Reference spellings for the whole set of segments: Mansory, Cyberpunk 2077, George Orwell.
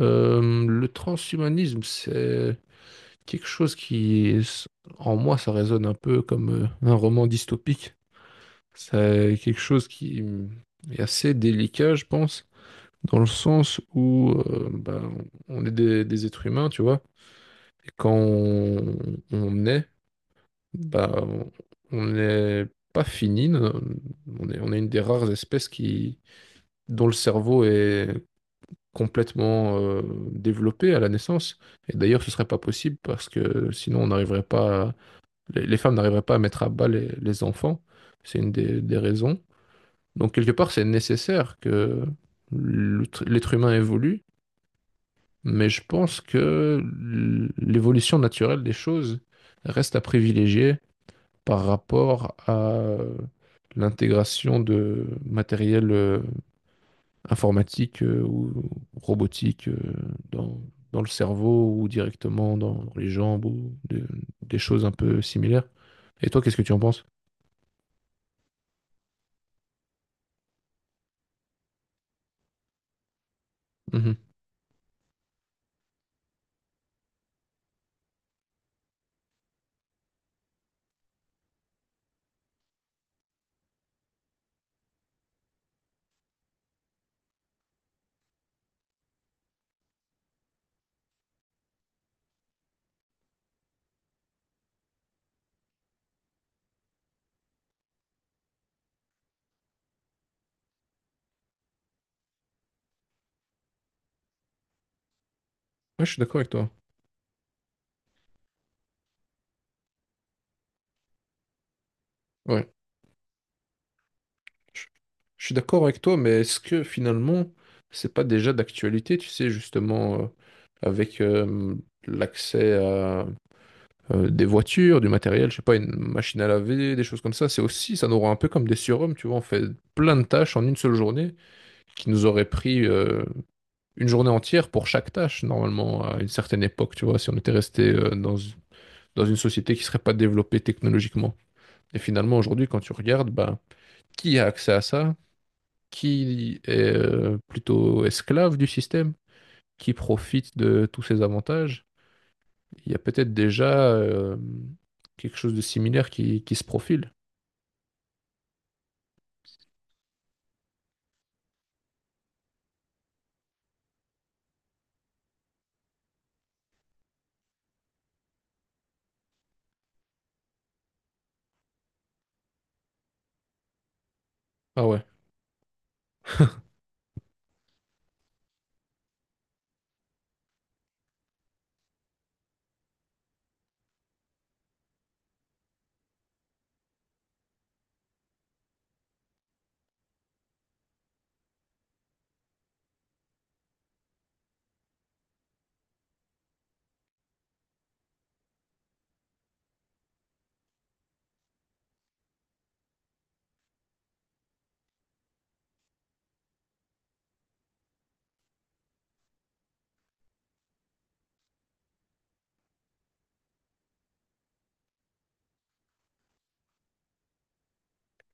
Le transhumanisme, c'est quelque chose qui, en moi, ça résonne un peu comme un roman dystopique. C'est quelque chose qui est assez délicat, je pense, dans le sens où on est des êtres humains, tu vois, et quand on est, bah, on n'est pas fini. On est une des rares espèces qui, dont le cerveau est complètement développée à la naissance. Et d'ailleurs, ce serait pas possible parce que sinon, on n'arriverait pas, les femmes n'arriveraient pas à mettre à bas les enfants. C'est une des raisons. Donc, quelque part, c'est nécessaire que l'être humain évolue, mais je pense que l'évolution naturelle des choses reste à privilégier par rapport à l'intégration de matériel informatique ou robotique dans, dans le cerveau ou directement dans les jambes ou des choses un peu similaires. Et toi, qu'est-ce que tu en penses? Mhm. Ouais, je suis d'accord avec toi. Ouais. Je, je suis d'accord avec toi, mais est-ce que finalement, c'est pas déjà d'actualité, tu sais, justement, avec l'accès à des voitures, du matériel, je sais pas, une machine à laver, des choses comme ça, c'est aussi, ça nous rend un peu comme des surhommes, tu vois, on fait plein de tâches en une seule journée qui nous auraient pris une journée entière pour chaque tâche, normalement, à une certaine époque, tu vois, si on était resté dans une société qui ne serait pas développée technologiquement. Et finalement, aujourd'hui, quand tu regardes, bah, qui a accès à ça? Qui est plutôt esclave du système? Qui profite de tous ces avantages? Il y a peut-être déjà quelque chose de similaire qui se profile. Ah ouais,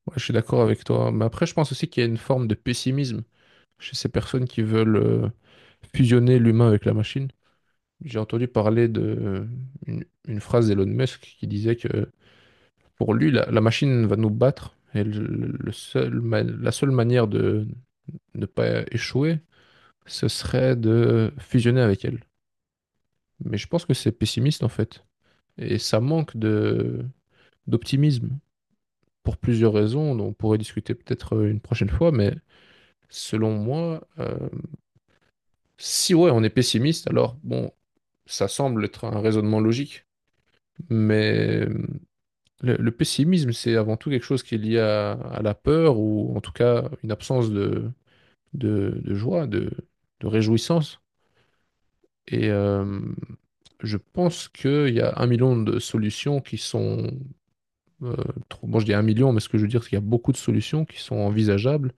ouais, je suis d'accord avec toi. Mais après, je pense aussi qu'il y a une forme de pessimisme chez ces personnes qui veulent fusionner l'humain avec la machine. J'ai entendu parler de une phrase d'Elon Musk qui disait que pour lui, la machine va nous battre et la seule manière de ne pas échouer, ce serait de fusionner avec elle. Mais je pense que c'est pessimiste en fait. Et ça manque de d'optimisme pour plusieurs raisons dont on pourrait discuter peut-être une prochaine fois. Mais selon moi, si ouais, on est pessimiste, alors bon, ça semble être un raisonnement logique. Mais le le, pessimisme, c'est avant tout quelque chose qui est lié à la peur ou en tout cas une absence de joie, de réjouissance. Et je pense qu'il y a un million de solutions qui sont, euh, bon, je dis 1 million, mais ce que je veux dire, c'est qu'il y a beaucoup de solutions qui sont envisageables.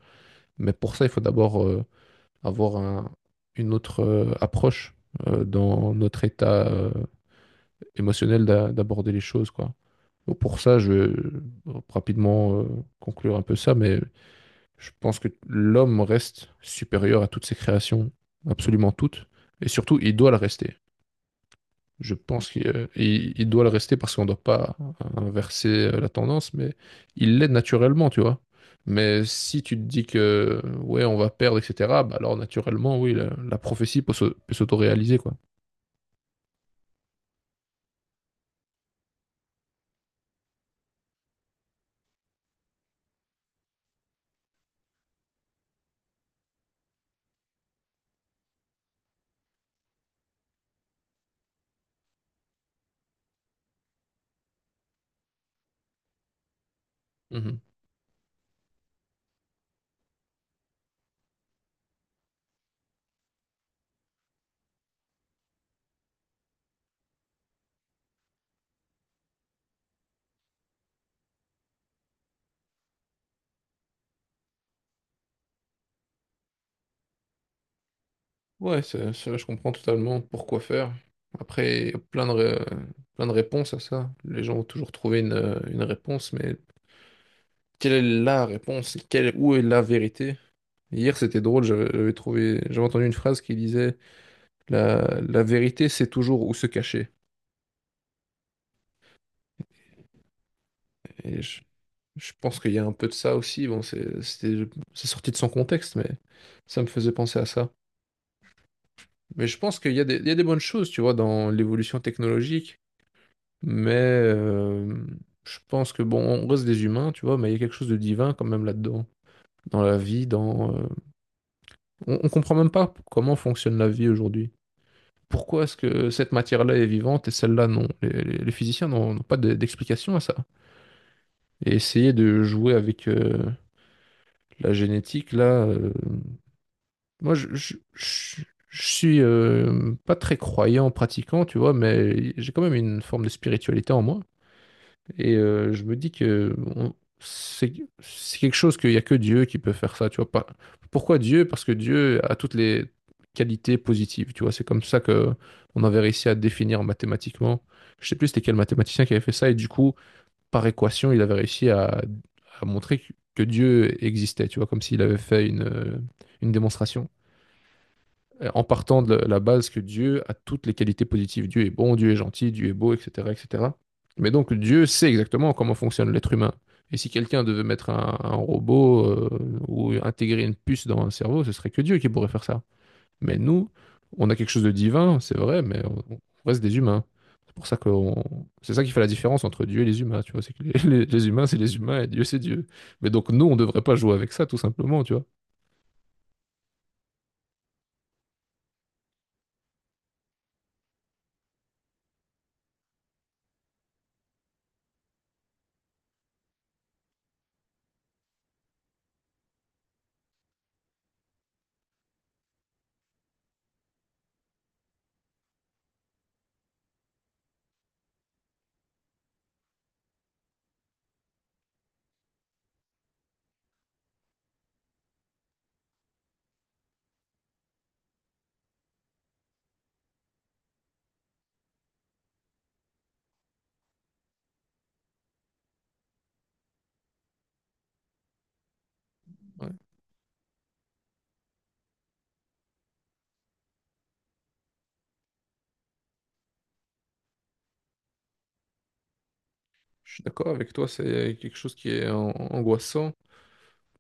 Mais pour ça, il faut d'abord avoir un- une autre approche dans notre état émotionnel d'aborder les choses, quoi. Donc, pour ça, je vais rapidement conclure un peu ça, mais je pense que l'homme reste supérieur à toutes ses créations, absolument toutes, et surtout, il doit le rester. Je pense qu'il il doit le rester parce qu'on ne doit pas inverser la tendance, mais il l'est naturellement, tu vois. Mais si tu te dis que ouais, on va perdre, etc., bah alors naturellement, oui, la prophétie peut s'autoréaliser, quoi. Mhm. Ouais, ça, je comprends totalement pourquoi faire. Après, il y a plein de réponses à ça. Les gens ont toujours trouvé une réponse, mais quelle est la réponse? Quelle, où est la vérité? Hier, c'était drôle, j'avais entendu une phrase qui disait la vérité, c'est toujours où se cacher. Et je pense qu'il y a un peu de ça aussi. Bon, c'est sorti de son contexte, mais ça me faisait penser à ça. Mais je pense qu'il y a il y a des bonnes choses, tu vois, dans l'évolution technologique. Mais je pense que bon, on reste des humains, tu vois, mais il y a quelque chose de divin quand même là-dedans, dans la vie, dans. On comprend même pas comment fonctionne la vie aujourd'hui. Pourquoi est-ce que cette matière-là est vivante et celle-là non? Les physiciens n'ont pas d'explication à ça. Et essayer de jouer avec la génétique, là, moi, je suis pas très croyant, pratiquant, tu vois, mais j'ai quand même une forme de spiritualité en moi. Et je me dis que c'est quelque chose qu'il n'y a que Dieu qui peut faire ça, tu vois. Pas, pourquoi Dieu? Parce que Dieu a toutes les qualités positives, tu vois. C'est comme ça que on avait réussi à définir mathématiquement. Je sais plus c'était quel mathématicien qui avait fait ça, et du coup, par équation, il avait réussi à montrer que Dieu existait, tu vois, comme s'il avait fait une démonstration en partant de la base que Dieu a toutes les qualités positives. Dieu est bon, Dieu est gentil, Dieu est beau, etc., etc. Mais donc Dieu sait exactement comment fonctionne l'être humain. Et si quelqu'un devait mettre un robot ou intégrer une puce dans un cerveau, ce serait que Dieu qui pourrait faire ça. Mais nous, on a quelque chose de divin, c'est vrai, mais on reste des humains. C'est pour ça que c'est ça qui fait la différence entre Dieu et les humains, tu vois. C'est que les humains, c'est les humains et Dieu, c'est Dieu. Mais donc nous, on ne devrait pas jouer avec ça, tout simplement, tu vois. Ouais. Je suis d'accord avec toi, c'est quelque chose qui est angoissant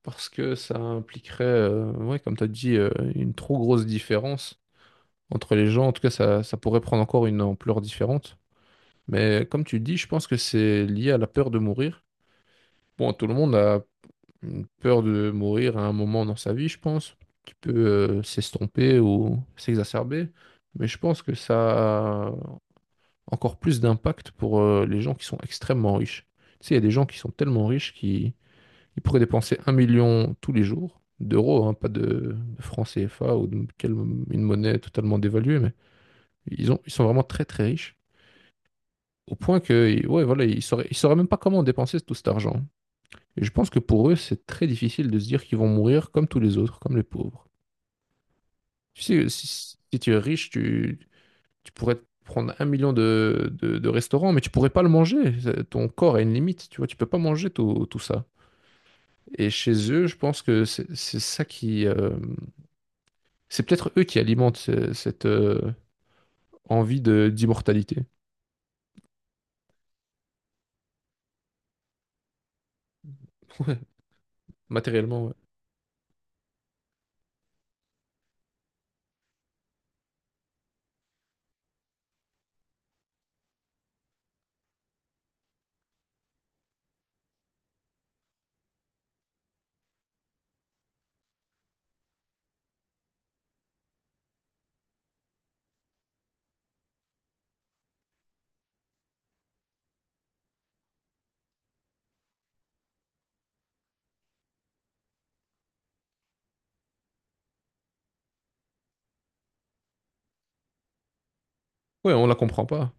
parce que ça impliquerait, ouais, comme tu as dit, une trop grosse différence entre les gens. En tout cas, ça pourrait prendre encore une ampleur différente. Mais comme tu dis, je pense que c'est lié à la peur de mourir. Bon, tout le monde a une peur de mourir à un moment dans sa vie, je pense, qui peut s'estomper ou s'exacerber. Mais je pense que ça a encore plus d'impact pour les gens qui sont extrêmement riches. Tu sais, il y a des gens qui sont tellement riches qui il pourrait dépenser 1 million tous les jours d'euros, hein, pas de francs CFA ou de quelle- une monnaie totalement dévaluée, mais ils sont vraiment très très riches. Au point que, ouais, voilà, ils sauraient même pas comment dépenser tout cet argent. Et je pense que pour eux, c'est très difficile de se dire qu'ils vont mourir comme tous les autres, comme les pauvres. Tu sais, si, si tu es riche, tu pourrais te prendre 1 million de restaurants, mais tu pourrais pas le manger. Ton corps a une limite, tu vois, tu peux pas manger tout, tout ça. Et chez eux, je pense que c'est ça qui, c'est peut-être eux qui alimentent cette envie de d'immortalité. Ouais, matériellement, ouais. Ouais, on la comprend pas.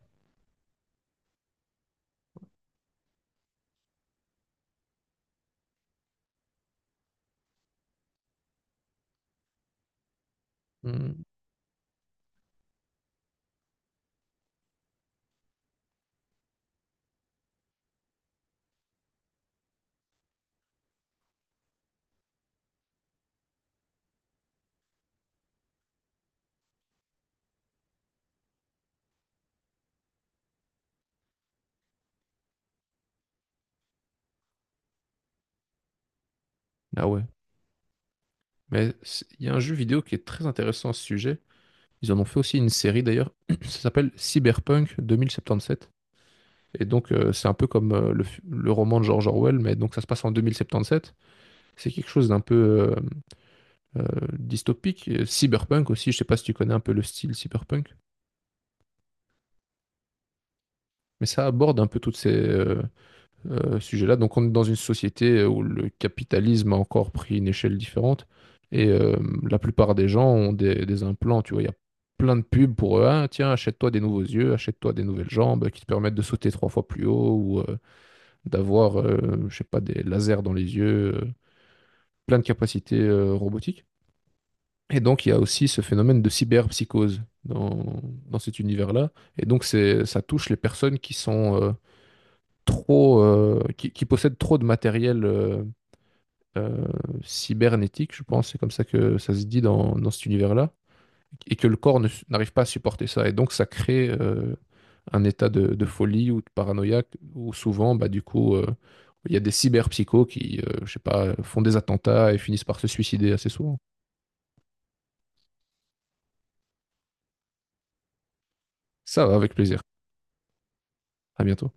Hmm. Ah ouais. Mais c'est- il y a un jeu vidéo qui est très intéressant à ce sujet. Ils en ont fait aussi une série d'ailleurs. Ça s'appelle Cyberpunk 2077. Et donc, c'est un peu comme le roman de George Orwell, mais donc ça se passe en 2077. C'est quelque chose d'un peu euh, euh, dystopique. Et Cyberpunk aussi, je sais pas si tu connais un peu le style cyberpunk, mais ça aborde un peu toutes ces, sujet-là. Donc on est dans une société où le capitalisme a encore pris une échelle différente et la plupart des gens ont des implants, tu vois, il y a plein de pubs pour eux. Ah, tiens, achète-toi des nouveaux yeux, achète-toi des nouvelles jambes qui te permettent de sauter trois fois plus haut ou d'avoir, je sais pas, des lasers dans les yeux, plein de capacités robotiques. Et donc, il y a aussi ce phénomène de cyberpsychose dans cet univers-là. Et donc, c'est, ça touche les personnes qui sont trop, qui possèdent trop de matériel euh, cybernétique, je pense, c'est comme ça que ça se dit dans cet univers-là, et que le corps n'arrive pas à supporter ça. Et donc, ça crée un état de folie ou de paranoïa où souvent, bah, du coup, il y a des cyberpsychos qui, je sais pas, font des attentats et finissent par se suicider assez souvent. Ça va, avec plaisir. À bientôt.